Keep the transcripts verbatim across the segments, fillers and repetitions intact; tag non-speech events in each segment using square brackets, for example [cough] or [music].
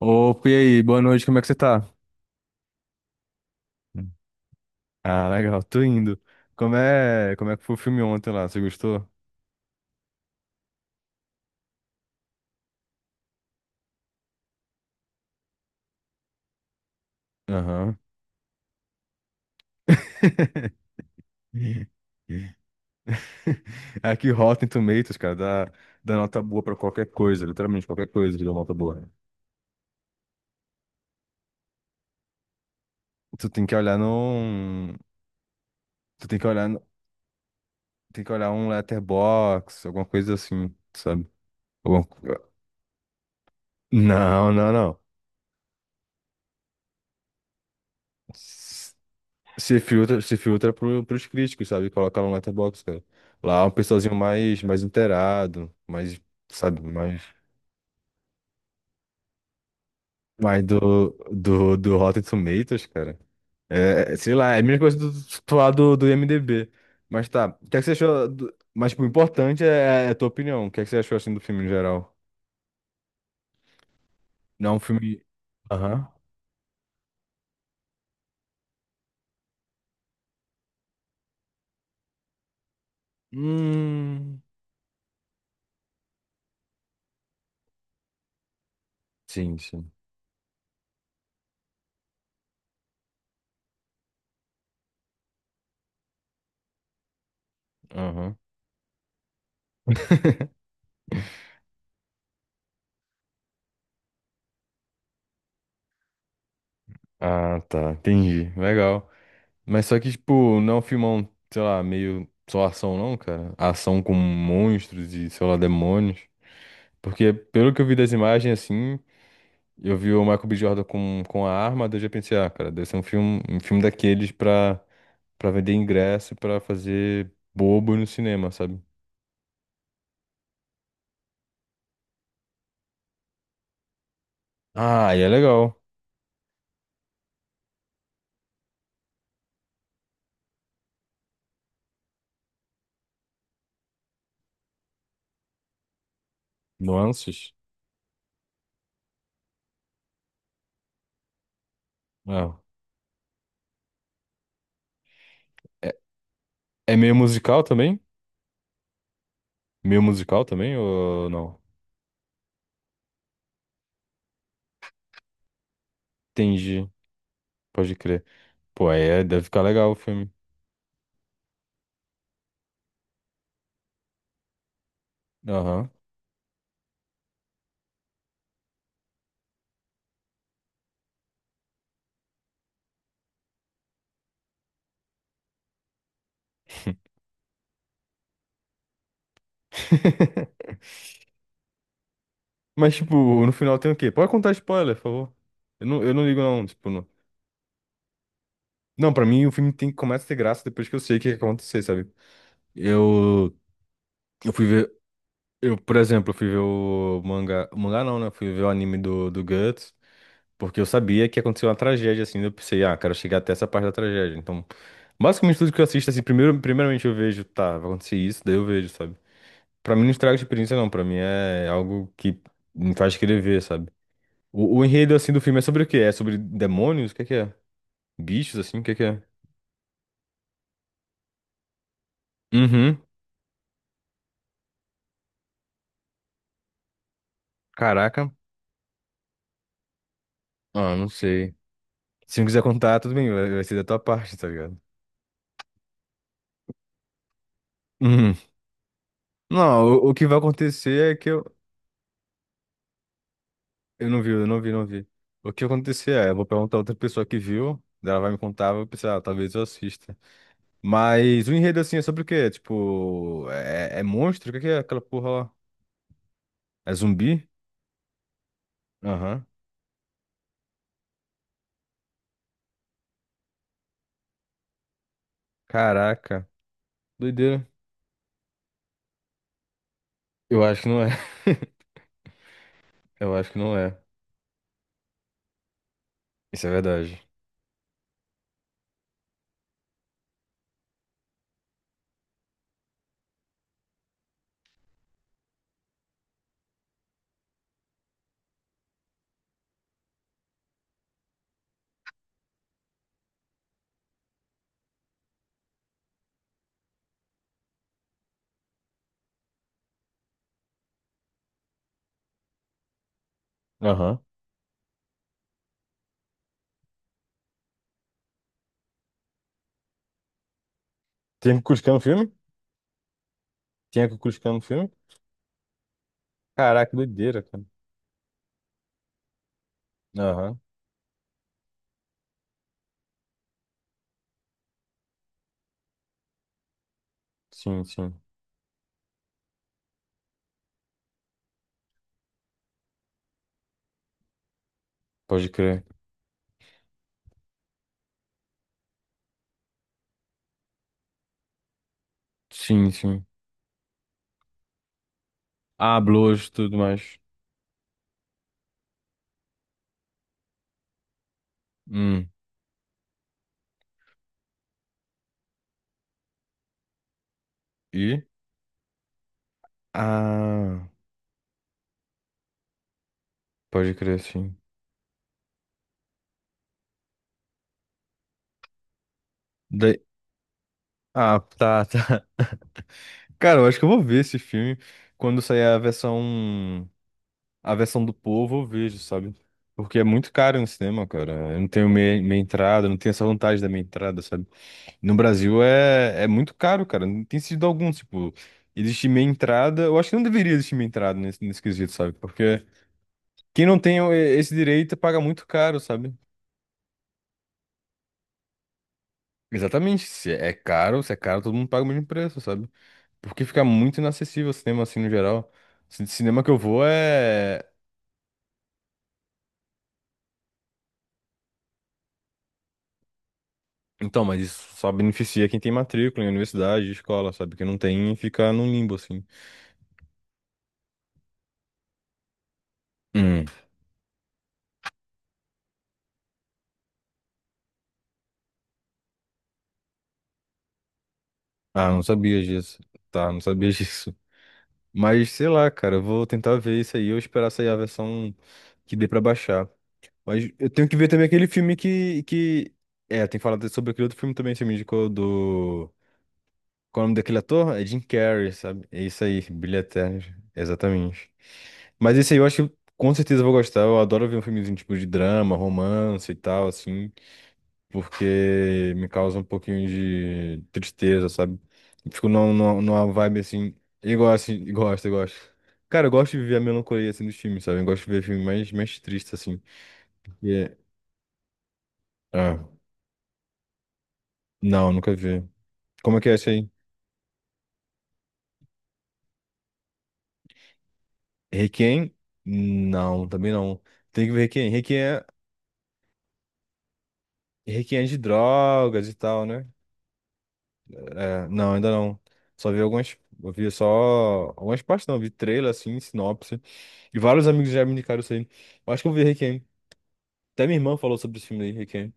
Opa, e aí? Boa noite, como é que você tá? Ah, legal, tô indo. Como é, como é que foi o filme ontem lá? Você gostou? Aham. [laughs] Aqui, Rotten Tomatoes, cara, dá, dá nota boa pra qualquer coisa, literalmente qualquer coisa que dá nota boa. Tu tem que olhar num. Tu tem que olhar, no- Tem que olhar um letterbox, alguma coisa assim, sabe? Alguma co- Não, não, não. Se filtra, se filtra pro, pros críticos, sabe? Coloca lá no Letterboxd, cara. Lá é um pessoalzinho mais, mais inteirado, mais, sabe, mais, mais do, do, do Rotten Tomatoes, cara. É, é, sei lá, é a mesma coisa do, do, lá do do IMDb. Mas tá, o que é que você achou? do- Mas, tipo, o importante é, é a tua opinião. O que é que você achou, assim, do filme em geral? Não, é um filme... Aham. Hum... Sim, sim. Aham. [laughs] Ah, tá, entendi. Legal. Mas só que, tipo, não é um filmão, sei lá, meio só ação não, cara. Ação com monstros e, sei lá, demônios. Porque pelo que eu vi das imagens, assim, eu vi o Michael B. Jordan com, com a arma, daí eu já pensei, ah, cara, deve ser um filme, um filme daqueles pra, pra vender ingresso e pra fazer bobo no cinema, sabe? Ah, e é legal. Nuances. Ah, é, é meio musical também? Meio musical também ou não? Entendi, pode crer. Pô, aí é, deve ficar legal o filme. Aham. [laughs] Mas, tipo, no final tem o quê? Pode contar spoiler, por favor. Eu não, eu não ligo, não, tipo, não. Não, pra mim o filme tem, começa a ter graça depois que eu sei o que vai acontecer, sabe? Eu, eu fui ver, eu, por exemplo, eu fui ver o mangá, o mangá não, né? Eu fui ver o anime do, do Guts, porque eu sabia que aconteceu uma tragédia, assim, eu pensei, ah, quero chegar até essa parte da tragédia. Então, basicamente tudo que eu assisto, assim, primeiro, primeiramente eu vejo, tá, vai acontecer isso, daí eu vejo, sabe? Pra mim não estraga a experiência, não, pra mim é algo que me faz querer ver, sabe? O, o enredo, assim, do filme é sobre o quê? É sobre demônios? O que é que é? Bichos, assim? O que é que é? Uhum. Caraca. Ah, não sei. Se não quiser contar, tudo bem. Vai, vai ser da tua parte, tá ligado? Uhum. Não, o, o que vai acontecer é que eu... Eu não vi, eu não vi, não vi. O que vai acontecer é, eu vou perguntar a outra pessoa que viu, daí ela vai me contar, eu vou pensar, ah, talvez eu assista. Mas o enredo, assim, é sobre o quê? Tipo, é, é monstro? O que é que é aquela porra lá? É zumbi? Aham. Caraca. Doideira. Eu acho que não é. [laughs] Eu acho que não é. Isso é verdade. Aham. Tem Kukulkan no filme? Tem Kukulkan no filme? Caraca, que doideira, cara. Aham. Sim, sim. Pode crer. Sim, sim. Ah, blues, tudo mais. Hum. E? Ah, pode crer, sim. Daí... Ah, tá, tá. [laughs] Cara, eu acho que eu vou ver esse filme quando sair a versão... A versão do povo, eu vejo, sabe? Porque é muito caro no cinema, cara. Eu não tenho meia, meia entrada, não tenho essa vantagem da meia entrada, sabe? No Brasil é, é muito caro, cara. Não tem sentido algum, tipo, existe meia entrada. Eu acho que não deveria existir meia entrada nesse, nesse quesito, sabe? Porque quem não tem eh, esse direito paga muito caro, sabe? Exatamente. Se é caro, se é caro, todo mundo paga o mesmo preço, sabe? Porque fica muito inacessível o cinema assim no geral. Ci- Cinema que eu vou é. Então, mas isso só beneficia quem tem matrícula em universidade, escola, sabe? Quem não tem fica num limbo, assim. Hum. Ah, não sabia disso. Tá, não sabia disso. Mas sei lá, cara, eu vou tentar ver isso aí, eu esperar sair a versão que dê pra baixar. Mas eu tenho que ver também aquele filme que, que... É, tem que falar sobre aquele outro filme também, que você me indicou do... Qual é o nome daquele ator? É Jim Carrey, sabe? É isso aí, Brilho Eterno, exatamente. Mas esse aí eu acho que com certeza eu vou gostar, eu adoro ver um filmezinho tipo de drama, romance e tal, assim porque me causa um pouquinho de tristeza, sabe? Eu fico numa, numa, numa vibe assim, e gosto, assim, [laughs] e gosto, eu gosto. Cara, eu gosto de ver a melancolia assim dos filmes, sabe? Eu gosto de ver filme mais, mais triste, assim. E, é, ah, não, nunca vi. Como é que é esse aí? Requiem? Não, também não. Tem que ver Requiem. Requiem é, Requiem é de drogas e tal, né? É, não, ainda não. Só vi algumas. Eu vi só algumas partes, não. Vi trailer, assim, sinopse. E vários amigos já me indicaram isso aí. Eu acho que eu vi Requiem. Até minha irmã falou sobre esse filme aí, Requiem.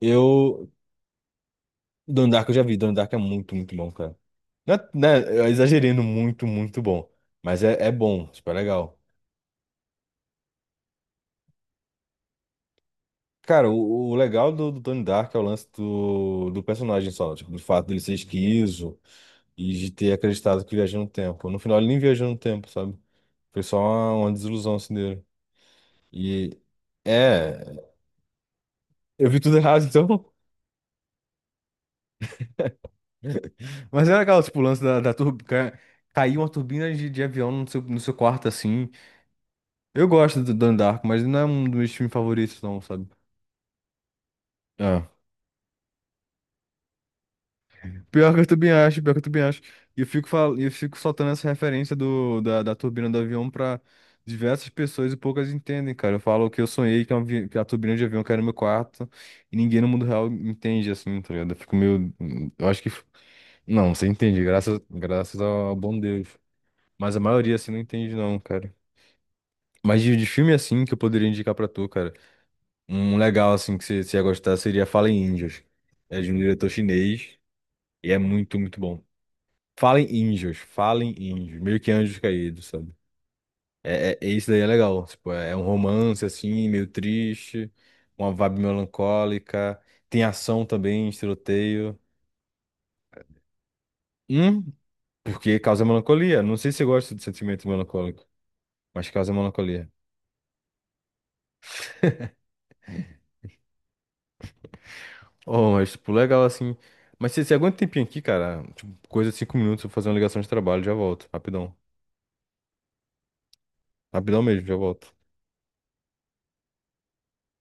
Eu. Donnie Darko eu já vi. Donnie Darko é muito, muito bom, cara. Não é- não é- Eu exagerando muito, muito bom. Mas é, é bom, tipo, é legal. Cara, o, o legal do, do Donnie Darko é o lance do, do personagem só. Tipo, do fato dele ser esquizo e de ter acreditado que viajou no tempo. No final ele nem viajou no tempo, sabe? Foi só uma, uma desilusão assim dele. E. É. Eu vi tudo errado, então. [laughs] Mas era aquela, tipo, o lance da, da turbina. Caiu uma turbina de, de avião no seu, no seu quarto assim. Eu gosto do Donnie Darko, mas não é um dos meus filmes favoritos, não, sabe? Ah, pior que eu também acho, pior que eu também acho. E eu fico, fal... eu fico soltando essa referência do... da, da turbina do avião pra diversas pessoas e poucas entendem, cara. Eu falo que eu sonhei que, é um avi- que a turbina de avião caiu no meu quarto e ninguém no mundo real entende, assim, tá ligado? Eu fico meio. Eu acho que. Não, você entende, graças, graças ao bom Deus. Mas a maioria, assim, não entende, não, cara. Mas de, de filme assim que eu poderia indicar pra tu, cara. Um legal assim que você você ia gostar seria Fallen Angels. É de um diretor chinês e é muito, muito bom. Fallen Angels, Fallen Angels, meio que anjos caídos, sabe? É, é, é- isso daí é legal. Tipo, é é um romance assim, meio triste, uma vibe melancólica. Tem ação também, tiroteio. Hum, porque causa melancolia. Não sei se você gosta de sentimento melancólico, mas causa melancolia. Oh, mas, tipo, legal assim. Mas você, você aguenta um tempinho aqui, cara? Tipo, coisa de cinco minutos, eu vou fazer uma ligação de trabalho, já volto. Rapidão. Rapidão mesmo, já volto.